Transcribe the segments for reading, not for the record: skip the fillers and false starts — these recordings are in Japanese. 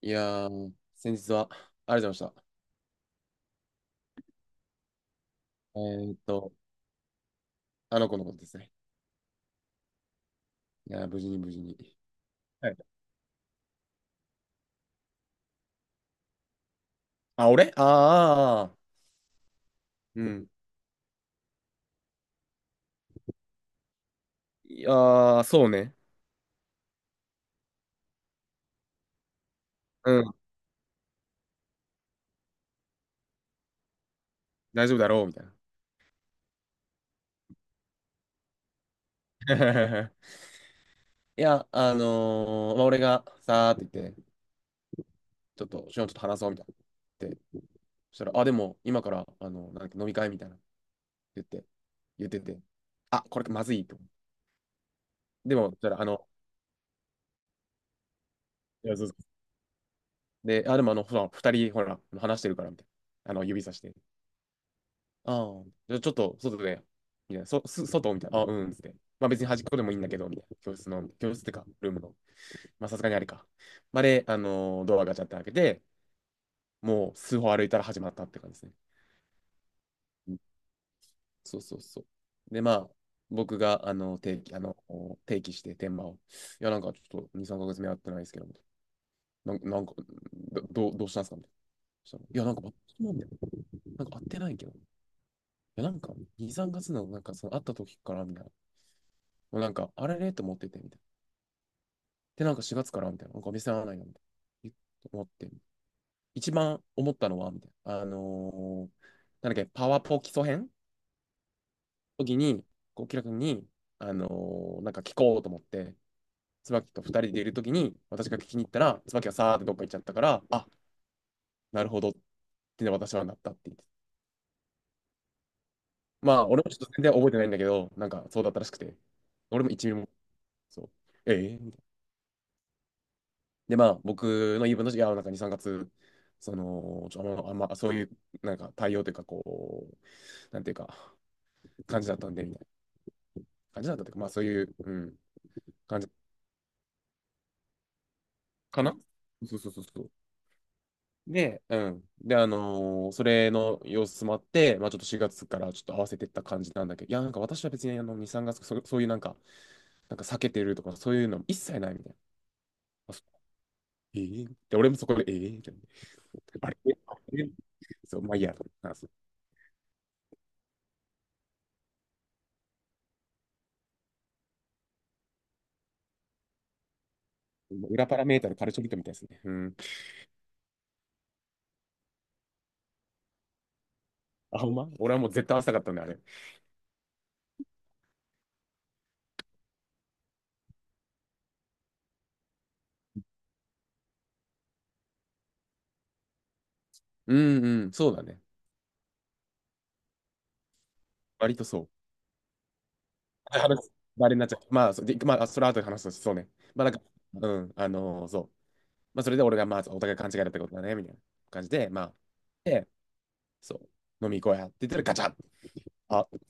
いやー、先日はありがとうございました。えーっと、あの子のことですね。いやー、無事に。はい。あ、俺ーうん。いやー、そうね。うん。大丈夫だろう、みたいな。いや、まあ、俺がさーって言って、ちょっと、しのちょっと話そう、みたいな。って、そしたら、あ、でも、今から、なんだっけ、飲み会みたいな。言って、言ってて、あ、これまずいと思う。でも、そしたら、あの、いやそうそう。で、あ、でも、あの、ほら、二人、ほら、話してるから、みたいな。あの、指さして。ああ。じゃあちょっと外で、みたいな。外みたいな。あ、うん、つって。まあ別に端っこでもいいんだけど、みたいな。教室の、教室ってか、ルームの。まあさすがにあれか。まあで、ドアガチャって開けて、もう数歩歩いたら始まったって感じですね。うん、そうそうそう。で、まあ、僕が、定期、定期して、天満を。いや、なんかちょっと2、3ヶ月目会ってないですけど、みたいな。なんか、どうしたんですかみたいな。そしたらいや、なんか、なんか会ってないけど。いや、なんか、2、3月の、なんか、その、会った時から、みたいな。もうなんか、あれれと思ってて、みたいな。で、なんか4月からみたいな。なんかお店合わないな、みたいな。思って。一番思ったのは、みたいな。なんだっけ、パワポ基礎編時に、こう、キラ君に、あのなんか聞こうと思って、椿と二人でいる時に、私が聞きに行ったら、椿がさーってどっか行っちゃったから、あ、なるほどってね、私はなったって言って。まあ、俺もちょっと全然覚えてないんだけど、なんかそうだったらしくて。俺も一ミリも、そう。ええーみたいな。で、まあ、僕の言い分として、いや、なんか2、3月、その、あんまそういう、なんか対応というか、こう、なんていうか、感じだったんで、みたいな感じだったというか、まあ、そういう、うん、感じかな。そうそうそうそう。で、うん。で、それの様子もあって、まあ、ちょっと4月からちょっと合わせてった感じなんだけど、いや、なんか私は別に、あの、2、3月、そういうなんか、なんか避けてるとか、そういうの一切ないみたいな。あ、そう、ええ。で、俺もそこで、ええみたいな。あれ、あれ、そう、まあいいや。裏パラメータのカルチョビットみたいですね。うん。あ、ほんま俺はもう絶対合わせたかったんだあれ。うんうん、そうだね。割とそう。話すあれになっちゃう。まあ、そでまあ、あそれは後で話すとしそうね。まあ、なんか、うん、そう。まあ、それで俺が、まあ、お互い勘違いだったことだね、みたいな感じで、まあ、で、そう、飲み行こうやって言ったらガチャッ、あ、そ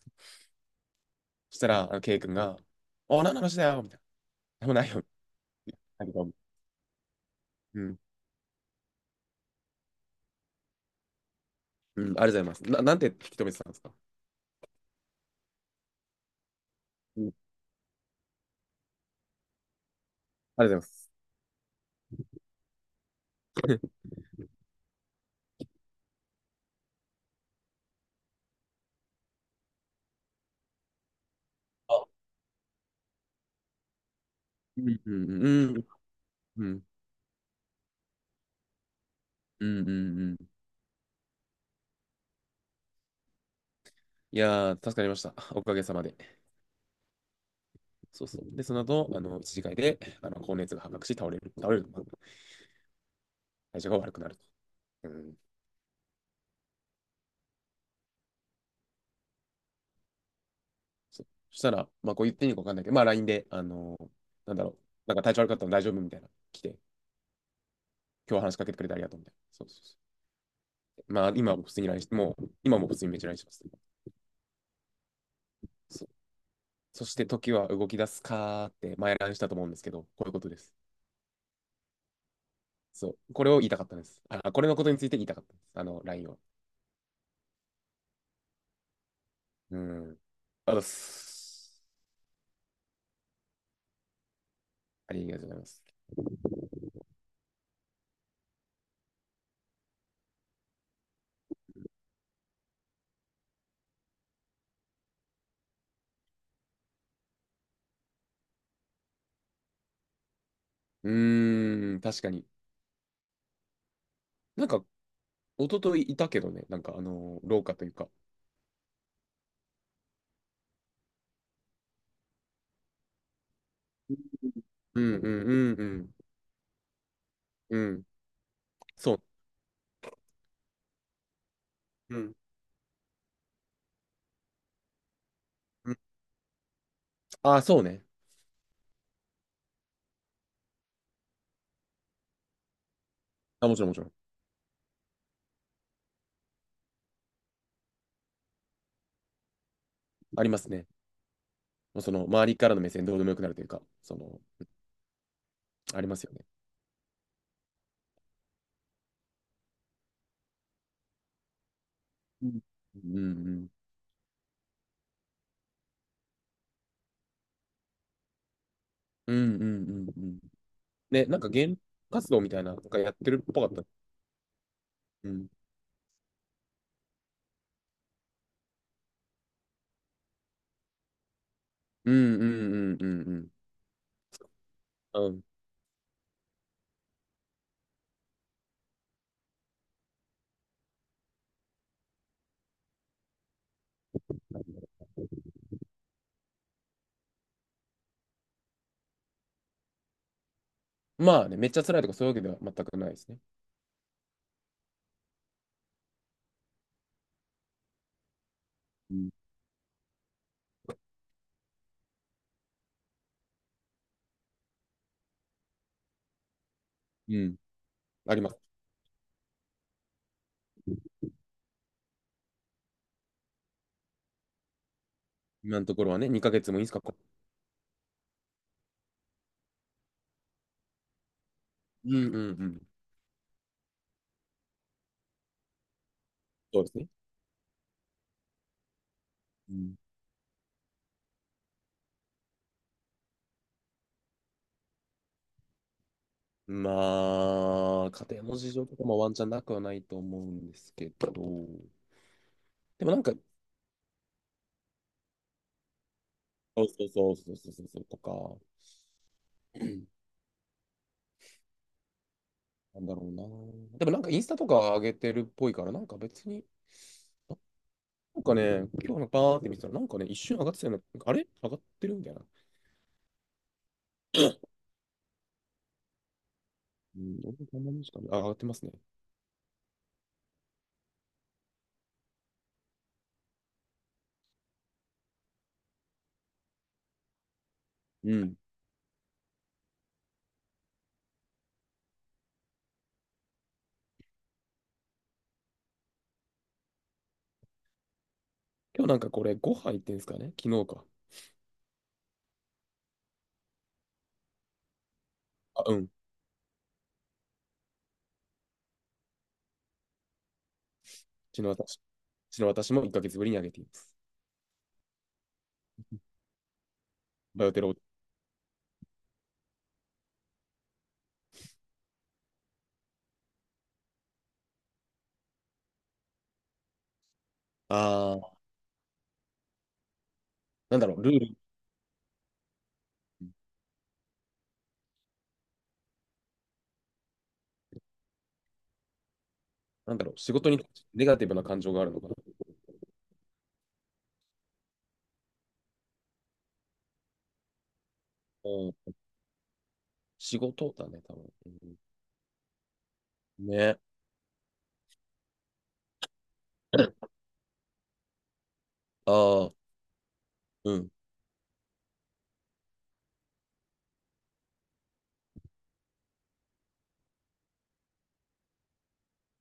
したら、あのケイ君が、あ、何の話だよみたいな。ももないよ。だけど、うん、うん、ありがとうございます。なんて引き止めてたんですか。うん、ありがとうございます。あ、うん、うん、うん、うん、うん、うん、うん、うん、いやー、助かりました。おかげさまで。そうそう。で、その後、あの、一次会で、あの、高熱が発覚し、倒れる、倒れる、まあ体調が悪くなると。うん。そう。そしたら、まあ、こう言っていいのかわかんないけど、まあ、LINE で、なんだろう、なんか体調悪かったの大丈夫みたいな、来て、今日話しかけてくれてありがとうみたいな。そうそうそう。まあ、今も普通に LINE して、もう、今も普通にめっちゃ LINE してます。そう。そして、時は動き出すかーって、前 LINE したと思うんですけど、こういうことです。そう。これを言いたかったんです。あ、これのことについて言いたかったんです。あの、LINE を。うん。ありがとうございます。ありがとうございます。うーん、確かに。なんか、一昨日いたけどね、なんか、廊下というか。うんうんうんうん。うん。そう。うん。うん、ああ、そうね。あ、もちろんもちろん。ありますね。もうその、周りからの目線どうでもよくなるというか、その、ありますよね。うんうんうん。うんうんうんうん。ね、なんか、ゲーム活動みたいな、なんかやってるっぽかった。うん。うんうんうんうんうん。うん。まあね、めっちゃ辛いとかそういうわけでは全くないですね。うん。うん。あります。今のところはね、2ヶ月もいいですか。うんうんうん。そうですね。うん。まあ、家庭の事情とかもワンチャンなくはないと思うんですけど、でもなんか、そうそうそうそうそうそうそうとか、うん、なんだろうな。でもなんかインスタとか上げてるっぽいから、なんか別に、なんかね、今日のバーって見てたら、なんかね、一瞬上がってたよね。なんかあれ上がってるみたいな。うん、俺もこんなもんしか上がってますね。うん。今日なんかこれ5杯行ってんですかね昨日か。あ、うん。昨日私、昨日私も1ヶ月ぶりに上げています。バイオテロ。あ、なんだろう、ルール、なんだろう、仕事にネガティブな感情があるのかな。うん、仕事だね、多分。うんね。ああ、うん、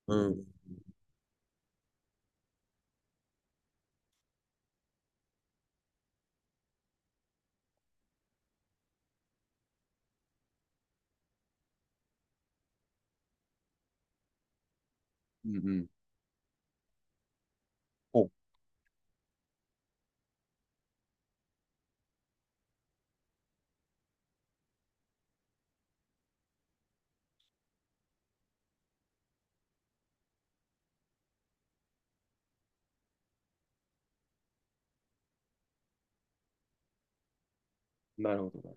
うん、うん、うん。お、なるほど。ね、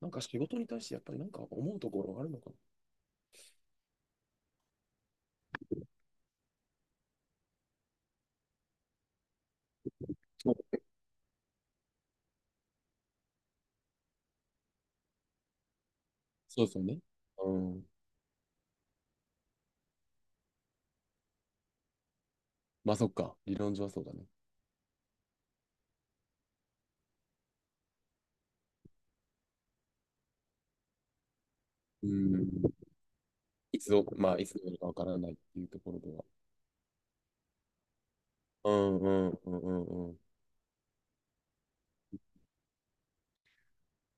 なんか仕事に対してやっぱりなんか思うところがあるのかな。そうそう、そうね。うん。まあそっか、理論上はそうだね。うん。いつど、まあいつどうなるかわからないっていうところでは。うんうんうんうんうん。